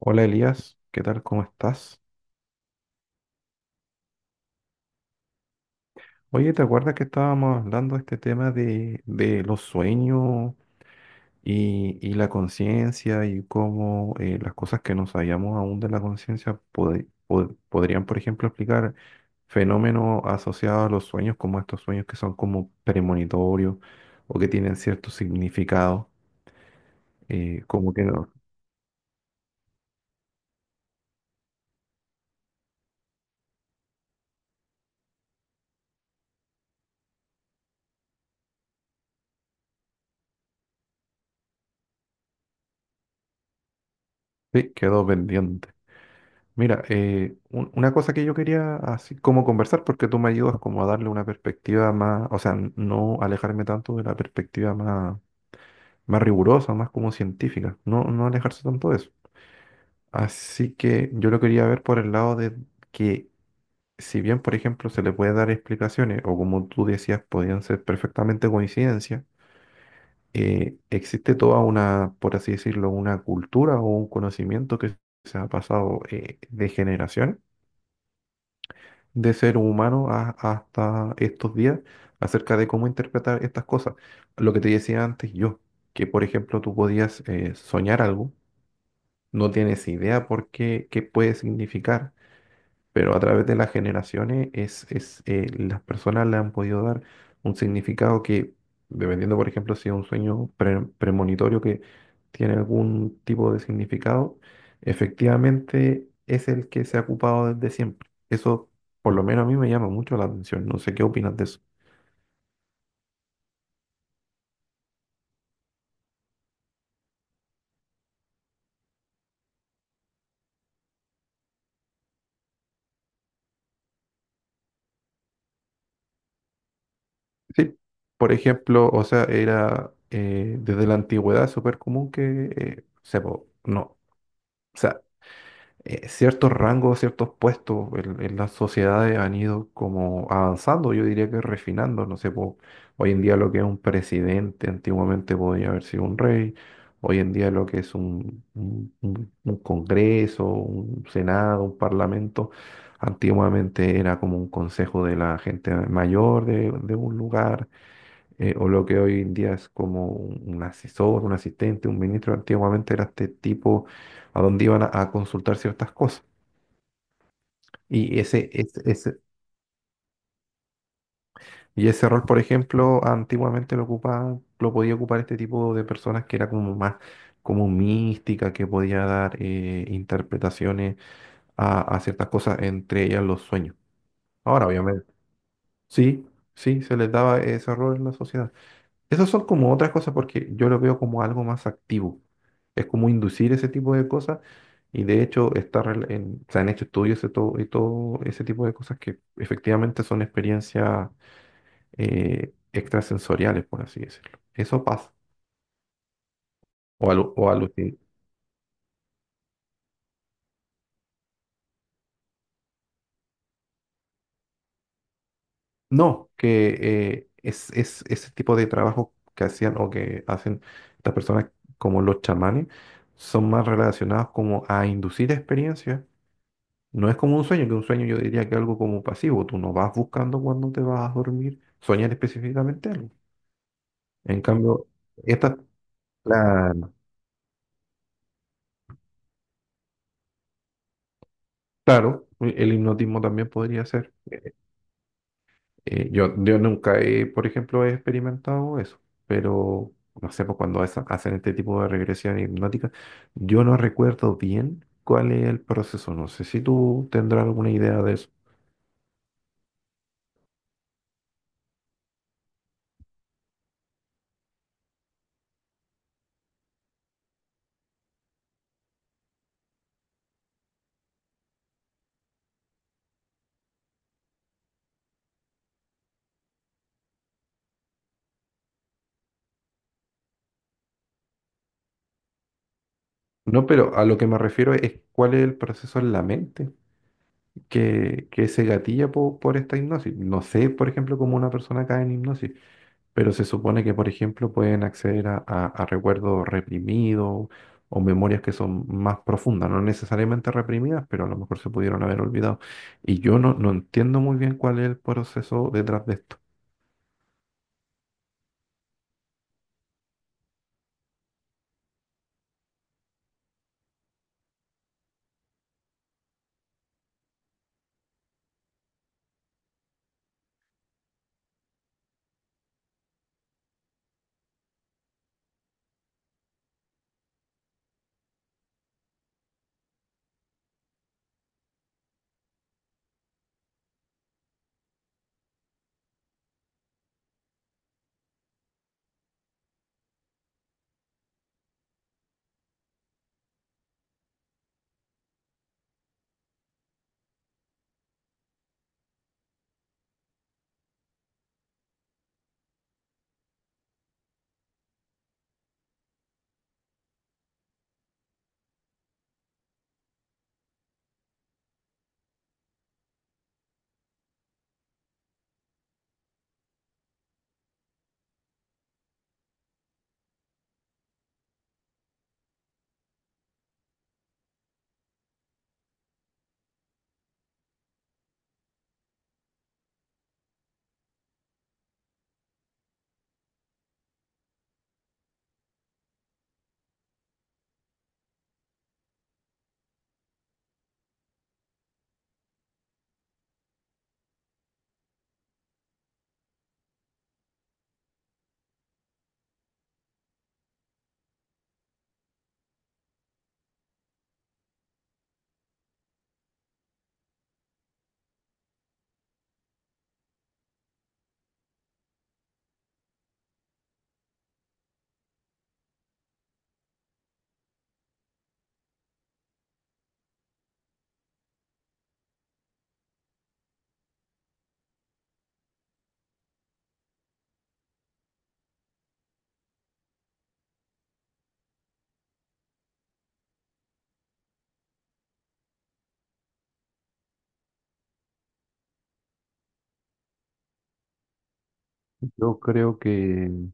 Hola Elías, ¿qué tal? ¿Cómo estás? Oye, ¿te acuerdas que estábamos hablando de este tema de los sueños y la conciencia y cómo las cosas que no sabíamos aún de la conciencia podrían, por ejemplo, explicar fenómenos asociados a los sueños, como estos sueños que son como premonitorios o que tienen cierto significado? Como que no, sí, quedó pendiente. Mira, una cosa que yo quería así como conversar, porque tú me ayudas como a darle una perspectiva más, o sea, no alejarme tanto de la perspectiva más, más rigurosa, más como científica, no, no alejarse tanto de eso. Así que yo lo quería ver por el lado de que si bien, por ejemplo, se le puede dar explicaciones, o como tú decías, podían ser perfectamente coincidencias, existe toda una, por así decirlo, una cultura o un conocimiento que se ha pasado de generación de ser humano hasta estos días acerca de cómo interpretar estas cosas. Lo que te decía antes yo, que por ejemplo tú podías soñar algo, no tienes idea por qué, qué puede significar, pero a través de las generaciones es, las personas le han podido dar un significado que, dependiendo, por ejemplo, si es un sueño premonitorio que tiene algún tipo de significado, efectivamente es el que se ha ocupado desde siempre. Eso, por lo menos a mí me llama mucho la atención. No sé qué opinas de eso. Sí, por ejemplo, o sea, era desde la antigüedad súper común que, no. O sea, ciertos rangos, ciertos puestos en las sociedades han ido como avanzando, yo diría que refinando, no sé, po, hoy en día lo que es un presidente, antiguamente podía haber sido un rey, hoy en día lo que es un congreso, un senado, un parlamento, antiguamente era como un consejo de la gente mayor de un lugar, o lo que hoy en día es como un asesor, un asistente, un ministro. Antiguamente era este tipo a donde iban a consultar ciertas cosas. Y ese, ese, ese- y ese rol, por ejemplo, antiguamente lo ocupaba, lo podía ocupar este tipo de personas que era como más como mística, que podía dar interpretaciones a ciertas cosas, entre ellas los sueños. Ahora, obviamente, sí, sí, se les daba ese rol en la sociedad. Esas son como otras cosas porque yo lo veo como algo más activo. Es como inducir ese tipo de cosas y de hecho se han hecho estudios y todo ese tipo de cosas que efectivamente son experiencias extrasensoriales, por así decirlo. Eso pasa. O, alu- o alucin- No, que es ese tipo de trabajo que hacían o que hacen estas personas como los chamanes son más relacionados como a inducir experiencias. No es como un sueño, que un sueño yo diría que es algo como pasivo. Tú no vas buscando cuando te vas a dormir, soñar específicamente algo. En cambio, esta, la- claro, el hipnotismo también podría ser. Yo nunca he, por ejemplo, he experimentado eso, pero no sé, pues hacen este tipo de regresión hipnótica, yo no recuerdo bien cuál es el proceso. No sé si tú tendrás alguna idea de eso. No, pero a lo que me refiero es cuál es el proceso en la mente, que se gatilla por esta hipnosis. No sé, por ejemplo, cómo una persona cae en hipnosis, pero se supone que, por ejemplo, pueden acceder a recuerdos reprimidos o memorias que son más profundas, no necesariamente reprimidas, pero a lo mejor se pudieron haber olvidado. Y yo no, no entiendo muy bien cuál es el proceso detrás de esto. Yo creo que,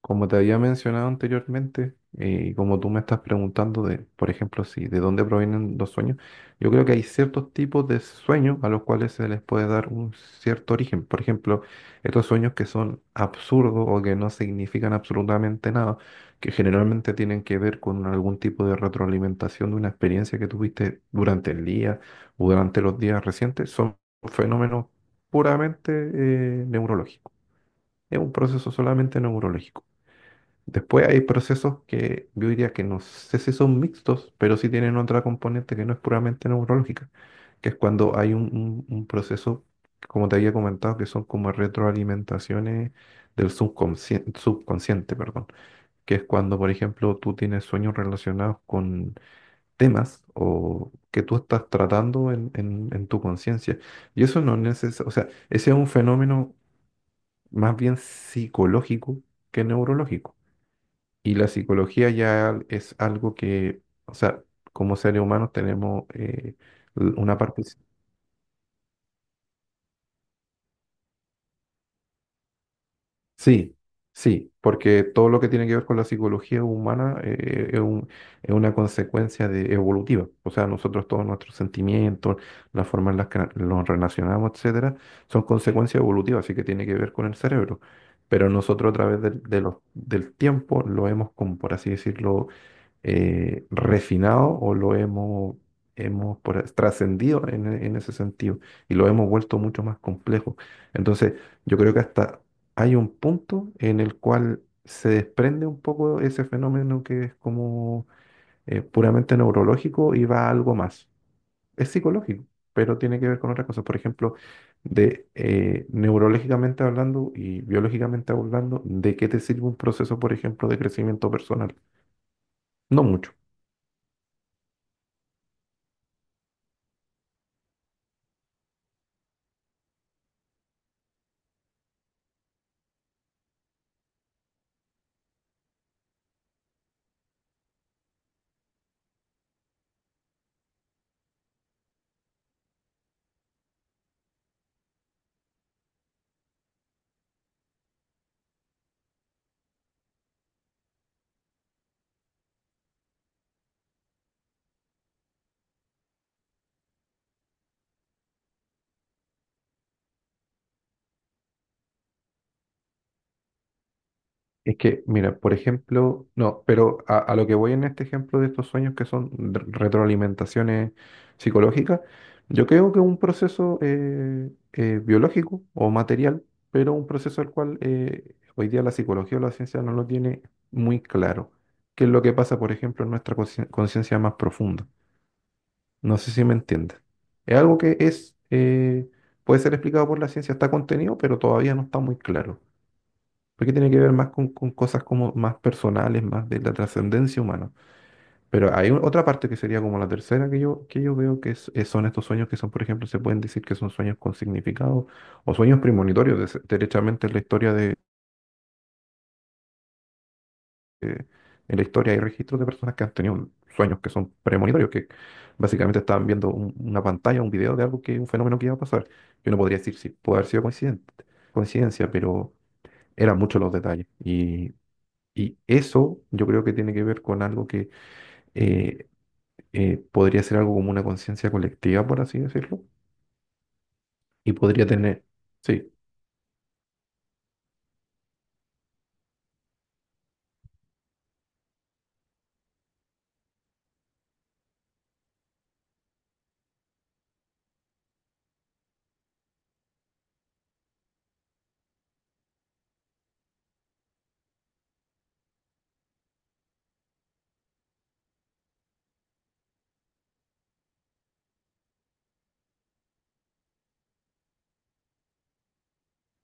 como te había mencionado anteriormente, y como tú me estás preguntando de, por ejemplo, si de dónde provienen los sueños, yo creo que hay ciertos tipos de sueños a los cuales se les puede dar un cierto origen. Por ejemplo, estos sueños que son absurdos o que no significan absolutamente nada, que generalmente tienen que ver con algún tipo de retroalimentación de una experiencia que tuviste durante el día o durante los días recientes, son fenómenos puramente neurológicos. Es un proceso solamente neurológico. Después hay procesos que yo diría que no sé si son mixtos, pero sí tienen otra componente que no es puramente neurológica, que es cuando hay un proceso, como te había comentado, que son como retroalimentaciones del subconsciente, subconsciente, perdón, que es cuando, por ejemplo, tú tienes sueños relacionados con temas o que tú estás tratando en tu conciencia. Y eso no es necesario, o sea, ese es un fenómeno más bien psicológico que neurológico y la psicología ya es algo que, o sea, como seres humanos tenemos una parte... Sí, sí, porque todo lo que tiene que ver con la psicología humana es una consecuencia de evolutiva. O sea, nosotros todos nuestros sentimientos, la forma en la que nos relacionamos, etcétera, son consecuencias evolutivas, así que tiene que ver con el cerebro. Pero nosotros a través del tiempo lo hemos, como por así decirlo, refinado o lo hemos, hemos trascendido en, en ese sentido y lo hemos vuelto mucho más complejo. Entonces, yo creo que hasta hay un punto en el cual se desprende un poco ese fenómeno que es como puramente neurológico y va a algo más. Es psicológico, pero tiene que ver con otras cosas. Por ejemplo, de neurológicamente hablando y biológicamente hablando, ¿de qué te sirve un proceso, por ejemplo, de crecimiento personal? No mucho. Es que, mira, por ejemplo, no, pero a lo que voy en este ejemplo de estos sueños que son retroalimentaciones psicológicas, yo creo que es un proceso biológico o material, pero un proceso al cual hoy día la psicología o la ciencia no lo tiene muy claro, qué es lo que pasa, por ejemplo, en nuestra conciencia más profunda. No sé si me entiendes. Es algo que es, puede ser explicado por la ciencia, está contenido, pero todavía no está muy claro porque tiene que ver más con cosas como más personales, más de la trascendencia humana. Pero hay otra parte que sería como la tercera que yo veo son estos sueños que son, por ejemplo, se pueden decir que son sueños con significado o sueños premonitorios. Derechamente en la historia de, eh, en la historia hay registros de personas que han tenido sueños que son premonitorios, que básicamente estaban viendo una pantalla, un video de algo que, un fenómeno que iba a pasar. Yo no podría decir si puede haber sido coincidente, coincidencia, pero eran muchos los detalles. Y eso yo creo que tiene que ver con algo que eh, podría ser algo como una conciencia colectiva, por así decirlo, y podría tener, sí,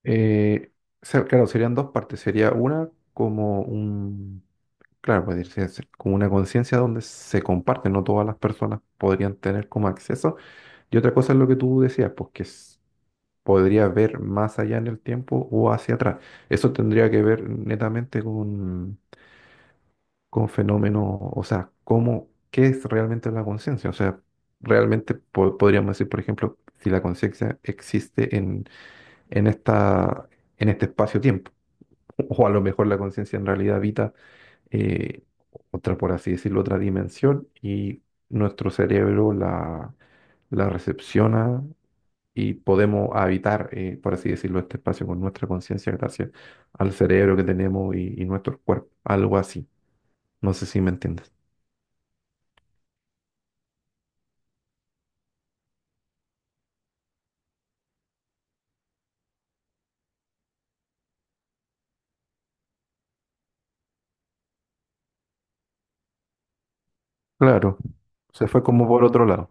eh, o claro, serían dos partes, sería una como un, claro, puede decirse como una conciencia donde se comparte, no todas las personas podrían tener como acceso, y otra cosa es lo que tú decías, pues podría ver más allá en el tiempo o hacia atrás. Eso tendría que ver netamente con fenómenos, o sea, cómo, qué es realmente la conciencia. O sea, realmente podríamos decir, por ejemplo, si la conciencia existe en esta, en este espacio-tiempo, o a lo mejor la conciencia en realidad habita eh, otra, por así decirlo, otra dimensión y nuestro cerebro la recepciona. Y podemos habitar, por así decirlo, este espacio con nuestra conciencia gracias al cerebro que tenemos y nuestro cuerpo, algo así. No sé si me entiendes. Claro, se fue como por otro lado.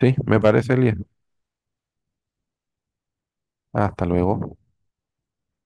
Sí, me parece, Elías. Hasta luego.